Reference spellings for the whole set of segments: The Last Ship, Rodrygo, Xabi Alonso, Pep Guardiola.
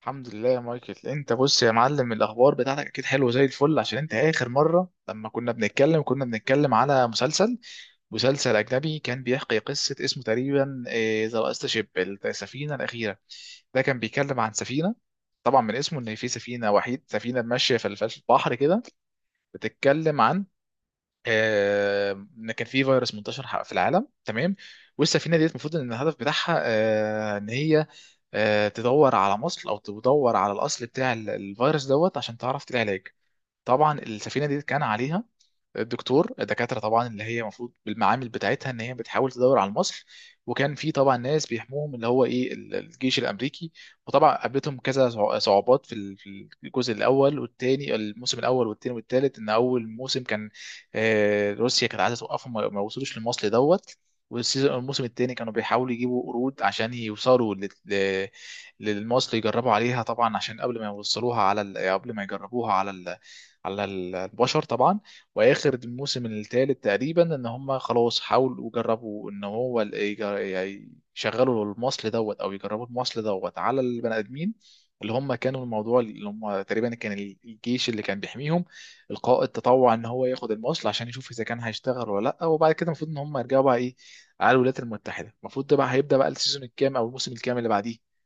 الحمد لله يا مايكل. انت بص يا معلم، الاخبار بتاعتك اكيد حلوه زي الفل. عشان انت اخر مره لما كنا بنتكلم على مسلسل اجنبي كان بيحكي قصه، اسمه تقريبا ذا لاست شيب، السفينه الاخيره. ده كان بيتكلم عن سفينه، طبعا من اسمه ان في سفينه، وحيد سفينه ماشيه في البحر كده، بتتكلم عن آه، ان كان في فيروس منتشر في العالم، تمام. والسفينه ديت المفروض ان الهدف بتاعها، ان هي تدور على مصل او تدور على الاصل بتاع الفيروس دوت، عشان تعرف تلاقي علاج. طبعا السفينه دي كان عليها الدكاتره طبعا، اللي هي المفروض بالمعامل بتاعتها ان هي بتحاول تدور على المصل. وكان في طبعا ناس بيحموهم، اللي هو ايه، الجيش الامريكي. وطبعا قابلتهم كذا صعوبات في في الجزء الاول والثاني، الموسم الاول والثاني والثالث. ان اول موسم كان، روسيا كانت عايزه توقفهم، ما وصلوش للمصل دوت. والسيزون الموسم الثاني كانوا بيحاولوا يجيبوا قرود عشان يوصلوا للمصل، يجربوا عليها طبعا عشان قبل ما يوصلوها قبل ما يجربوها البشر طبعا. واخر الموسم الثالث تقريبا ان هم خلاص حاولوا وجربوا ان هو يعني يشغلوا المصل دوت او يجربوا المصل دوت على البني ادمين. اللي هم كانوا الموضوع، اللي هم تقريبا كان الجيش اللي كان بيحميهم. القائد تطوع ان هو ياخد المصل عشان يشوف اذا كان هيشتغل ولا لا. وبعد كده المفروض ان هم يرجعوا بقى ايه، على الولايات المتحده. المفروض ده بقى هيبدا بقى السيزون الكام او الموسم الكام اللي بعديه؟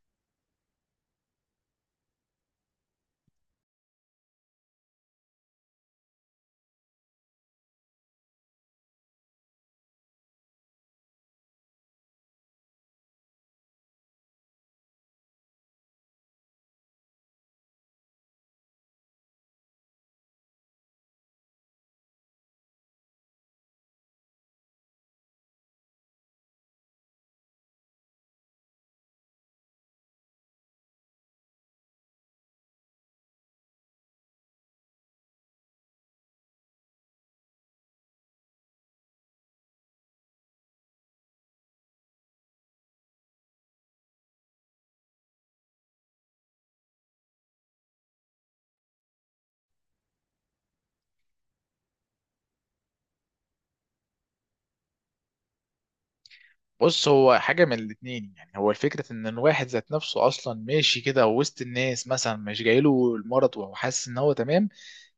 بص، هو حاجة من الاتنين. يعني هو الفكرة ان الواحد ذات نفسه اصلا ماشي كده وسط الناس، مثلا مش جايله المرض وهو حاسس ان هو تمام.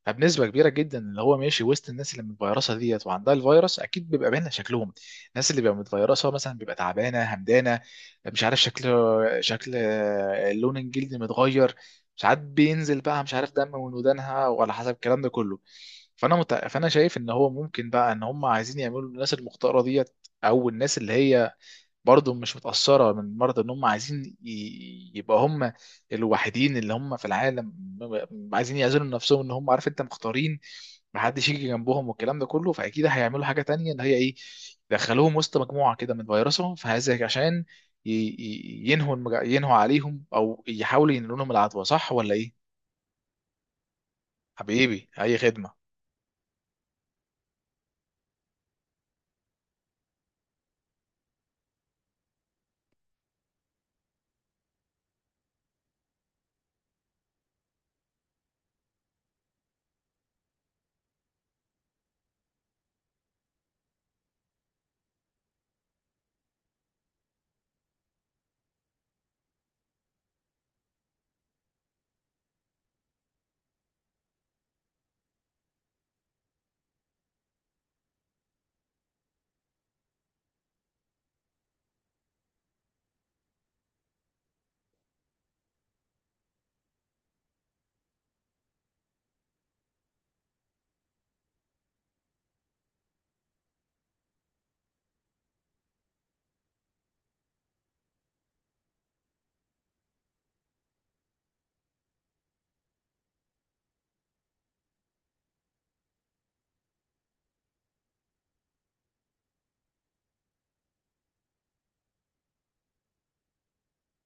فبنسبة كبيرة جدا، اللي هو ماشي وسط الناس اللي متفيرسة ديت وعندها الفيروس، اكيد بيبقى باين شكلهم. الناس اللي بيبقى متفيرسة مثلا بيبقى تعبانة همدانة، مش عارف، شكل لون الجلد متغير، ساعات بينزل بقى مش عارف دم من ودانها، وعلى حسب الكلام ده كله. فانا شايف ان هو ممكن بقى ان هم عايزين يعملوا الناس المختارة ديت، او الناس اللي هي برضه مش متأثرة من مرض، ان هم عايزين يبقى هم الوحيدين اللي هم في العالم. عايزين يعزلوا نفسهم، ان هم عارف انت مختارين، محدش يجي جنبهم والكلام ده كله. فاكيد هيعملوا حاجة تانية، ان هي ايه، يدخلوهم وسط مجموعة كده من فيروسهم، فهذا عشان ينهوا عليهم، او يحاولوا ينقلوا لهم العدوى، صح ولا ايه؟ حبيبي، اي خدمة.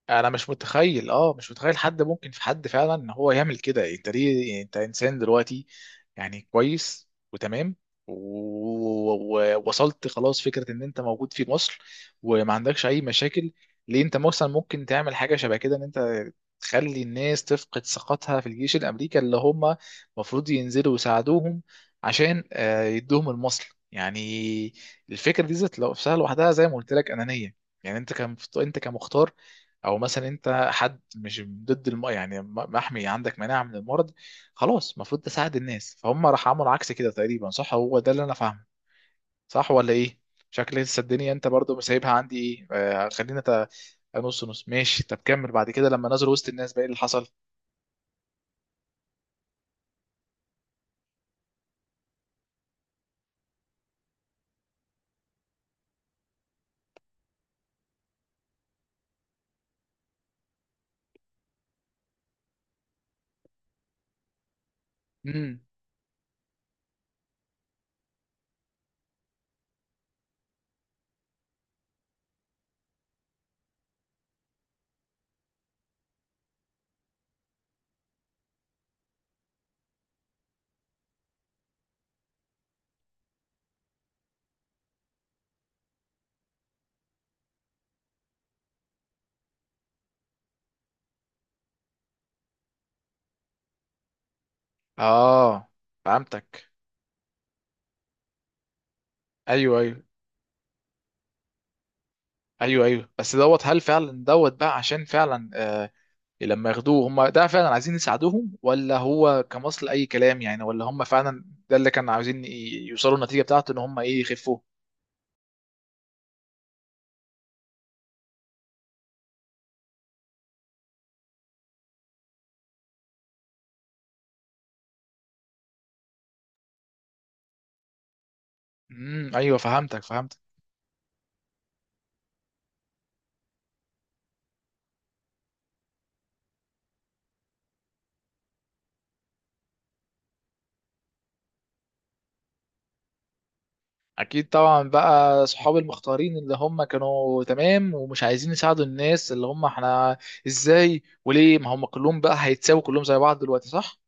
انا مش متخيل، مش متخيل حد ممكن، في حد فعلا ان هو يعمل كده؟ يعني انت ليه؟ يعني انت انسان دلوقتي، يعني كويس وتمام، ووصلت خلاص فكرة ان انت موجود في مصر، وما عندكش اي مشاكل. ليه انت مثلا ممكن تعمل حاجة شبه كده، ان انت تخلي الناس تفقد ثقتها في الجيش الامريكي، اللي هم المفروض ينزلوا يساعدوهم عشان يدوهم المصل؟ يعني الفكرة دي ذات نفسها لوحدها، زي ما قلت لك، انانية. يعني انت كان انت كمختار، او مثلا انت حد مش ضد يعني محمي، عندك مناعه من المرض، خلاص المفروض تساعد الناس. فهم راح عملوا عكس كده تقريبا، صح؟ هو ده اللي انا فاهمه، صح ولا ايه؟ شكل لسه الدنيا انت برضو سايبها عندي ايه، خلينا نص نص. ماشي، طب كمل بعد كده. لما نزلوا وسط الناس بقى ايه اللي حصل؟ امم. اه، فهمتك. ايوه، ايوه. ايوه، ايوه، بس دوت، هل فعلا دوت بقى عشان فعلا، لما ياخدوه هم، ده فعلا عايزين يساعدوهم، ولا هو كمصل اي كلام يعني؟ ولا هم فعلا ده اللي كانوا عاوزين يوصلوا النتيجه بتاعته، ان هم ايه، يخفوه؟ امم، ايوه، فهمتك اكيد طبعا بقى، اصحاب المختارين اللي هم كانوا تمام ومش عايزين يساعدوا الناس، اللي هم احنا، ازاي وليه؟ ما هم كلهم بقى هيتساووا كلهم زي بعض دلوقتي، صح؟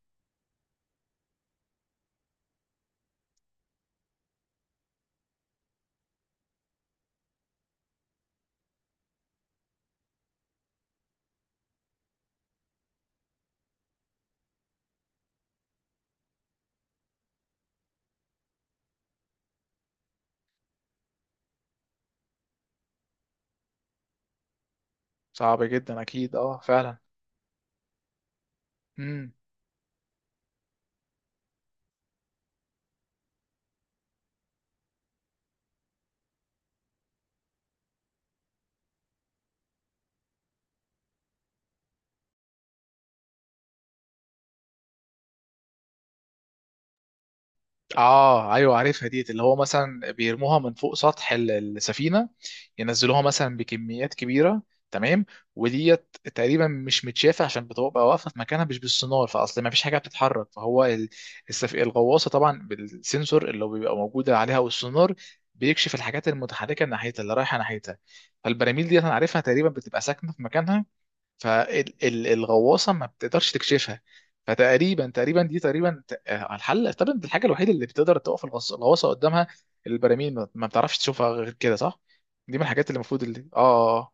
صعب جدا اكيد، اه فعلا. امم. اه، ايوه، عارفها ديت، اللي هو مثلا بيرموها من فوق سطح السفينه، ينزلوها مثلا بكميات كبيره، تمام. وديت تقريبا مش متشافه عشان بتبقى واقفه في مكانها، مش بالسونار فاصل، ما فيش حاجه بتتحرك. فهو الغواصه طبعا بالسنسور اللي بيبقى موجود عليها والسونار بيكشف الحاجات المتحركه ناحيتها اللي رايحه ناحيتها. فالبراميل ديت انا عارفها تقريبا بتبقى ساكنه في مكانها، فالغواصه ما بتقدرش تكشفها. فتقريبا دي تقريبا الحل طبعا، الحاجه الوحيده اللي بتقدر توقف الغواصه قدامها. البراميل ما بتعرفش تشوفها غير كده، صح؟ دي من الحاجات اللي المفروض، اللي اه آه.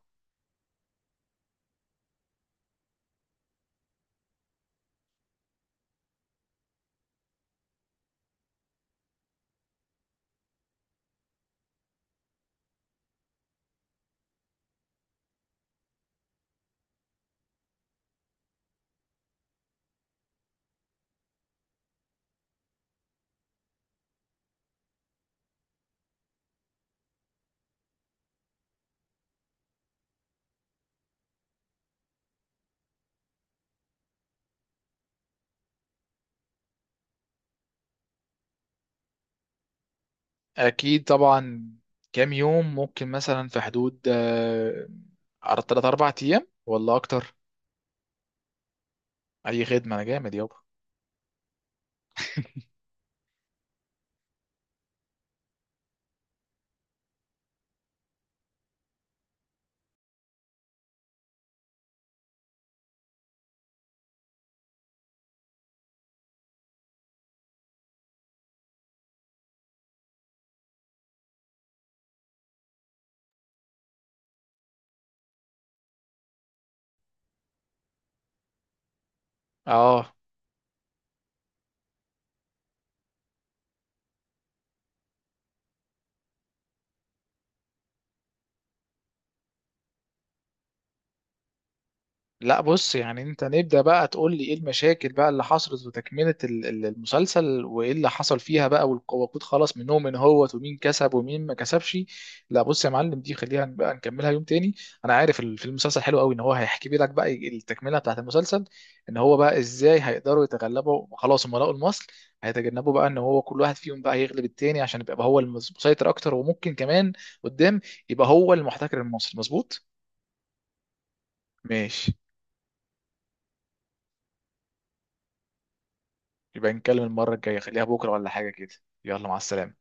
آه، اكيد طبعا. كام يوم ممكن مثلا في حدود 3 4 ايام ولا اكتر؟ اي خدمه، انا جامد يابا. اه لا بص، يعني انت نبدأ بقى تقول لي ايه المشاكل بقى اللي حصلت وتكملة المسلسل، وايه اللي حصل فيها بقى، والوقود خلص منهم، من هو، ومين كسب ومين ما كسبش؟ لا بص يا معلم، دي خليها بقى نكملها يوم تاني. انا عارف في المسلسل حلو قوي، ان هو هيحكي لك بقى التكملة بتاعت المسلسل، ان هو بقى ازاي هيقدروا يتغلبوا. خلاص هم لقوا المصل. هيتجنبوا بقى ان هو كل واحد فيهم بقى يغلب التاني، عشان يبقى هو المسيطر اكتر، وممكن كمان قدام يبقى هو المحتكر المصري، مظبوط. ماشي، يبقى نتكلم المرة الجاية، خليها بكرة ولا حاجة كده. يلا، مع السلامة.